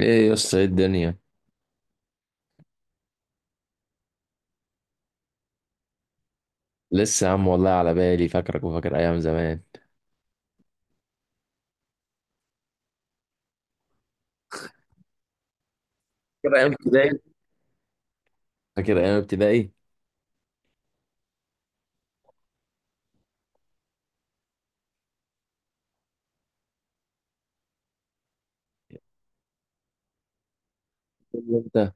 ايه يا اسطى، ايه الدنيا؟ لسه يا عم والله على بالي، فاكرك وفاكر ايام زمان. فاكر ايام ابتدائي؟ فاكر ايام ابتدائي؟ انت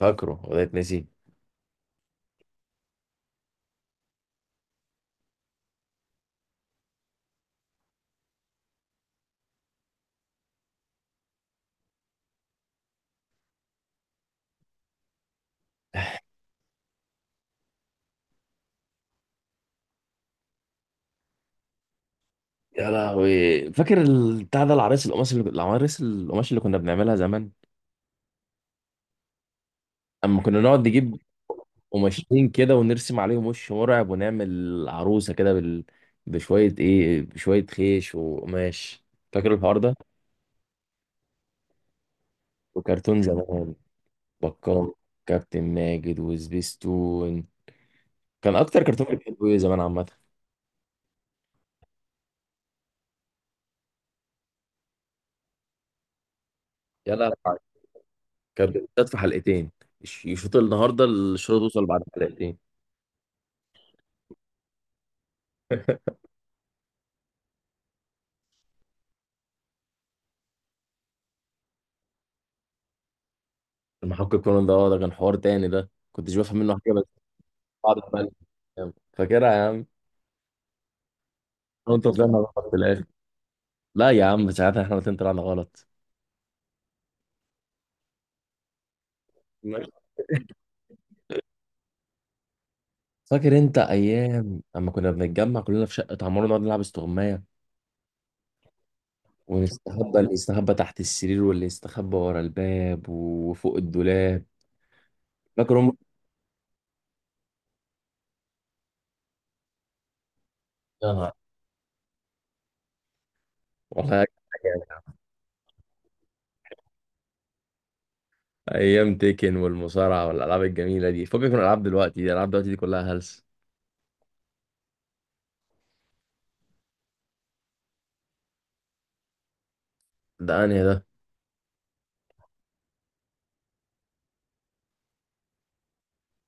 فاكره ولا اتنسي؟ يا لهوي، فاكر ال- بتاع ده العرايس القماش اللي كنا بنعملها زمان. اما كنا نقعد نجيب قماشين كده ونرسم عليهم وش مرعب ونعمل عروسه كده بشويه خيش وقماش. فاكر الحوار ده؟ وكرتون زمان، بكار، كابتن ماجد وسبيستون. كان اكتر كرتون بتحبه ايه زمان عامه؟ يا لهوي عليك. كانت بتتقال في حلقتين. يشوط النهارده الشوط، توصل بعد حلقتين. المحقق كونان ده، اه ده كان حوار تاني، ده كنتش بفهم منه حاجه بس. بعد ما فاكرها يا عم. وانت طلعنا غلط في الاخر. لا يا عم، ساعتها احنا الاتنين طلعنا غلط. فاكر انت ايام اما كنا بنتجمع كلنا في شقه عمار نقعد نلعب استغمايه؟ ونستخبى، اللي يستخبى تحت السرير واللي يستخبى ورا الباب وفوق الدولاب. فاكر هم؟ يا نهار، والله، ايام تيكن والمصارعه والالعاب الجميله دي، فكك من الالعاب دلوقتي دي، الالعاب دلوقتي دي كلها هلس. ده انهي ده؟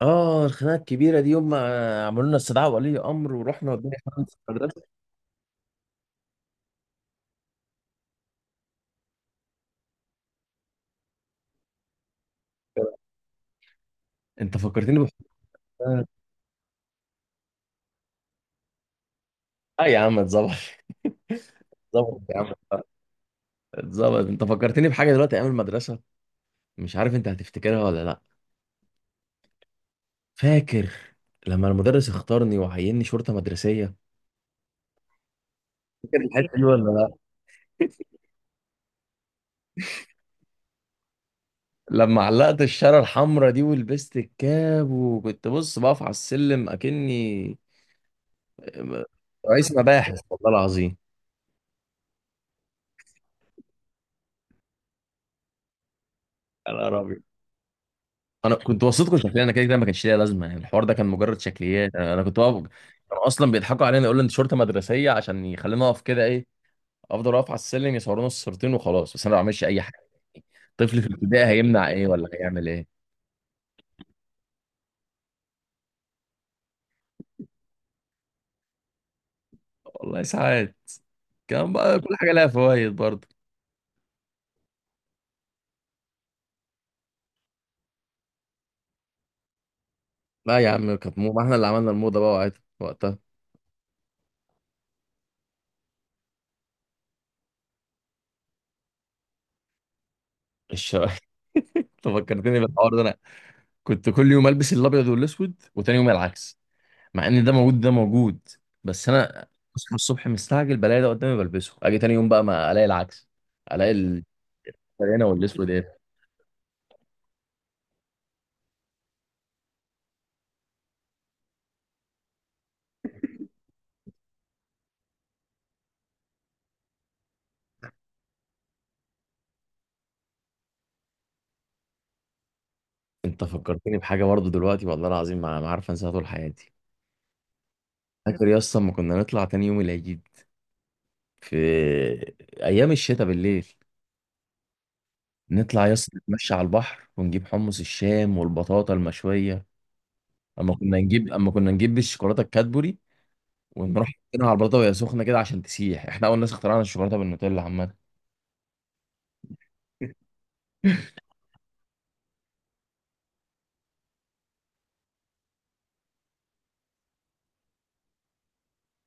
اه الخناقه الكبيره دي، يوم ما عملوا لنا استدعاء ولي امر ورحنا والدنيا حرمت في المدرسه. انت فكرتني اه يا عم، اتظبط. اتظبط يا عم. اتظبط. انت فكرتني بحاجه دلوقتي، ايام المدرسه. مش عارف انت هتفتكرها ولا لا. فاكر لما المدرس اختارني وعيني شرطه مدرسيه؟ فاكر الحته دي ولا لا؟ لما علقت الشاره الحمراء دي ولبست الكاب وكنت بص بقف على السلم اكني رئيس مباحث والله العظيم. يا نهار أبيض، انا كنت وسطكم شكليا، انا كده كده ما كانش ليا لازمه، يعني الحوار ده كان مجرد شكليات، انا كنت واقف. كانوا اصلا بيضحكوا علينا يقولوا انت شرطه مدرسيه، عشان يخلينا اقف كده ايه. افضل اقف على السلم يصورونا الصورتين وخلاص، بس انا ما بعملش اي حاجه. طفل في الابتدائي هيمنع ايه ولا هيعمل ايه؟ والله ساعات كان بقى كل حاجه لها فوائد برضه. لا يا عم، كانت مو، ما احنا اللي عملنا الموضه بقى وقتها. الش- انت فكرتني بالحوار ده. انا كنت كل يوم البس الابيض والاسود وتاني يوم العكس. مع ان ده موجود، ده موجود. بس انا اصحى الصبح مستعجل بلاقي ده قدامي بلبسه، اجي تاني يوم بقى ما الاقي العكس، الاقي البريانه والاسود ايه. انت فكرتني بحاجه برضه دلوقتي، والله العظيم ما عارف انساها طول حياتي. فاكر يا اسطى لما كنا نطلع تاني يوم العيد، في ايام الشتاء بالليل، نطلع يا اسطى نتمشى على البحر ونجيب حمص الشام والبطاطا المشويه. اما كنا نجيب الشوكولاته الكادبوري ونروح نحطها على البطاطا وهي سخنه كده عشان تسيح. احنا اول ناس اخترعنا الشوكولاته بالنوتيلا عامه.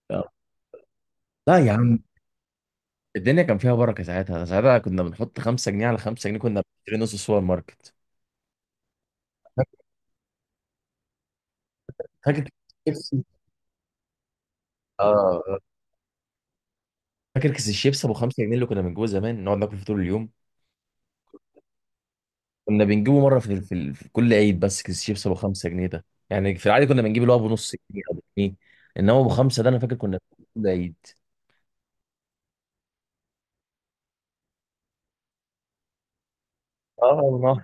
لا يا عم. الدنيا كان فيها بركه ساعتها، ساعتها كنا بنحط 5 جنيه على 5 جنيه كنا بنشتري نص سوبر ماركت. فاكر كيس الشيبسي؟ اه. فاكر كيس الشيبس ابو 5 جنيه اللي كنا بنجيبه زمان نقعد ناكل فيه طول اليوم. كنا بنجيبه مره في كل عيد، بس كيس الشيبس ابو 5 جنيه ده يعني، في العادي كنا بنجيب اللي هو ابو نص جنيه او جنيه. انما ابو 5 ده انا فاكر كنا بنجيبه كل عيد. اه والله،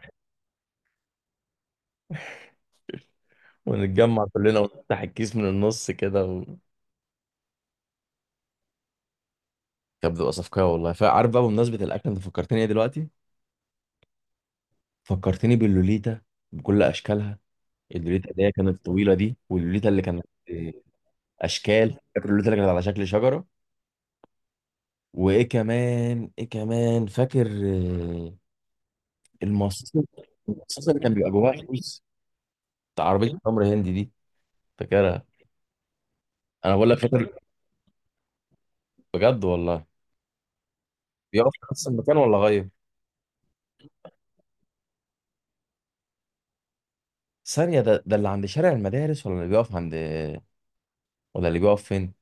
ونتجمع كلنا ونفتح الكيس من النص كده. كانت بتبقى صفقه والله. فعارف بقى بمناسبه الاكل، انت فكرتني ايه دلوقتي؟ فكرتني باللوليتا بكل اشكالها. اللوليتا اللي هي كانت الطويله دي، واللوليتا اللي كانت، آه، اشكال. فاكر اللوليتا اللي كانت على شكل شجره؟ وايه كمان، ايه كمان فاكر؟ آه، المصاصه، المصاصه اللي كان بيبقى جواها فلوس، بتاع عربيه تمر هندي دي. فاكرها؟ انا بقول لك فاكر. بجد والله. بيقف في نفس المكان ولا غير؟ ثانيه، ده ده اللي عند شارع المدارس ولا اللي بيقف عند ولا اللي بيقف فين؟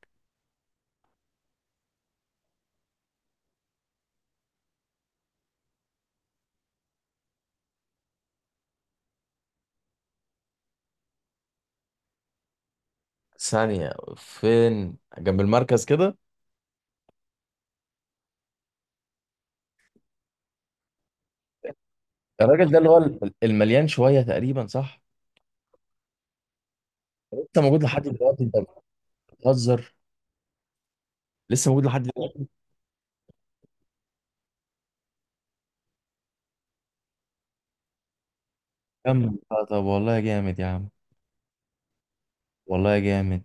ثانيه، فين جنب المركز كده؟ الراجل ده اللي هو المليان شويه تقريبا، صح؟ انت موجود لحد دلوقتي انت؟ بتهزر؟ لسه موجود لحد دلوقتي؟ كمل، آه، طب والله جامد يا عم. والله جامد.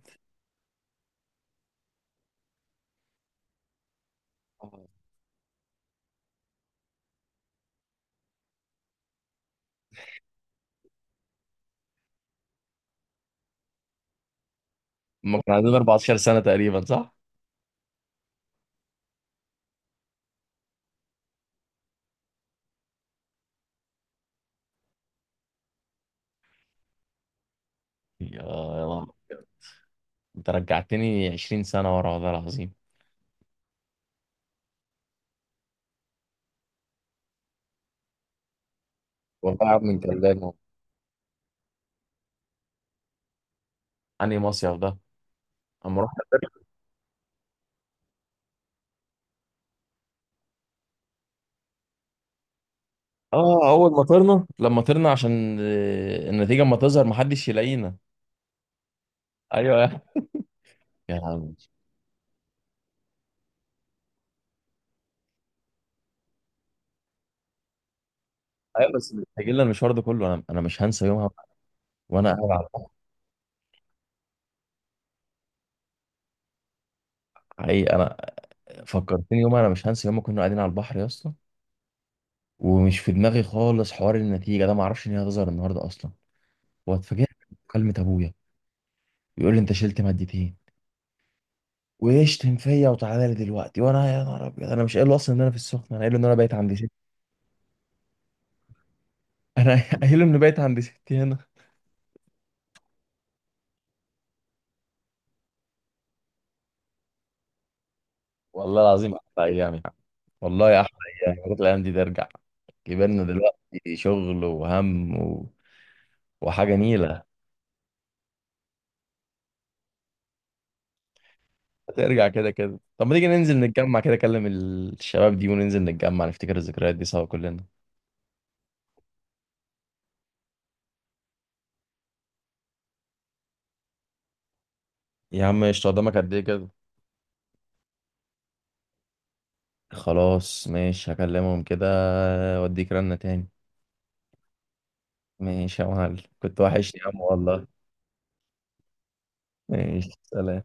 ما كان عندنا 14 سنة تقريبا صح؟ يا يلا. انت رجعتني 20 سنة ورا والله العظيم. والله يا عم انت اللي. انهي مصيف ده؟ اما رحت. اه، اول ما طرنا، لما طرنا عشان آه، النتيجة اما تظهر محدش يلاقينا. ايوه يا عم. ايوه بس مستعجلنا المشوار ده كله، انا مش هنسى يومها. وانا قاعد على البحر. حقيقي انا فكرتني يومها، انا مش هنسى يوم ما كنا قاعدين على البحر يا اسطى، ومش في دماغي خالص حوار النتيجه ده، ما اعرفش ان هي هتظهر النهارده اصلا. واتفاجئت بمكالمه ابويا يقول لي انت شلت مادتين، ويشتم فيا وتعالى لي دلوقتي، وانا يا نهار ابيض انا مش قايل له اصلا ان انا في السخنه، انا قايل له ان انا بايت عند ستي. انا قايل له ان بايت عند ستي هنا. والله العظيم احلى ايام يا عم. والله احلى ايام. يا ريت الايام دي ترجع. كبرنا دلوقتي، شغل وهم وحاجه نيله. هترجع كده كده. طب ما تيجي ننزل نتجمع كده، اكلم الشباب دي وننزل نتجمع نفتكر الذكريات دي سوا كلنا. يا عم مش قدامك قد ايه كده؟ خلاص ماشي، هكلمهم كده واديك رنة تاني. ماشي يا معلم. كنت وحشني يا عم والله. ماشي، سلام.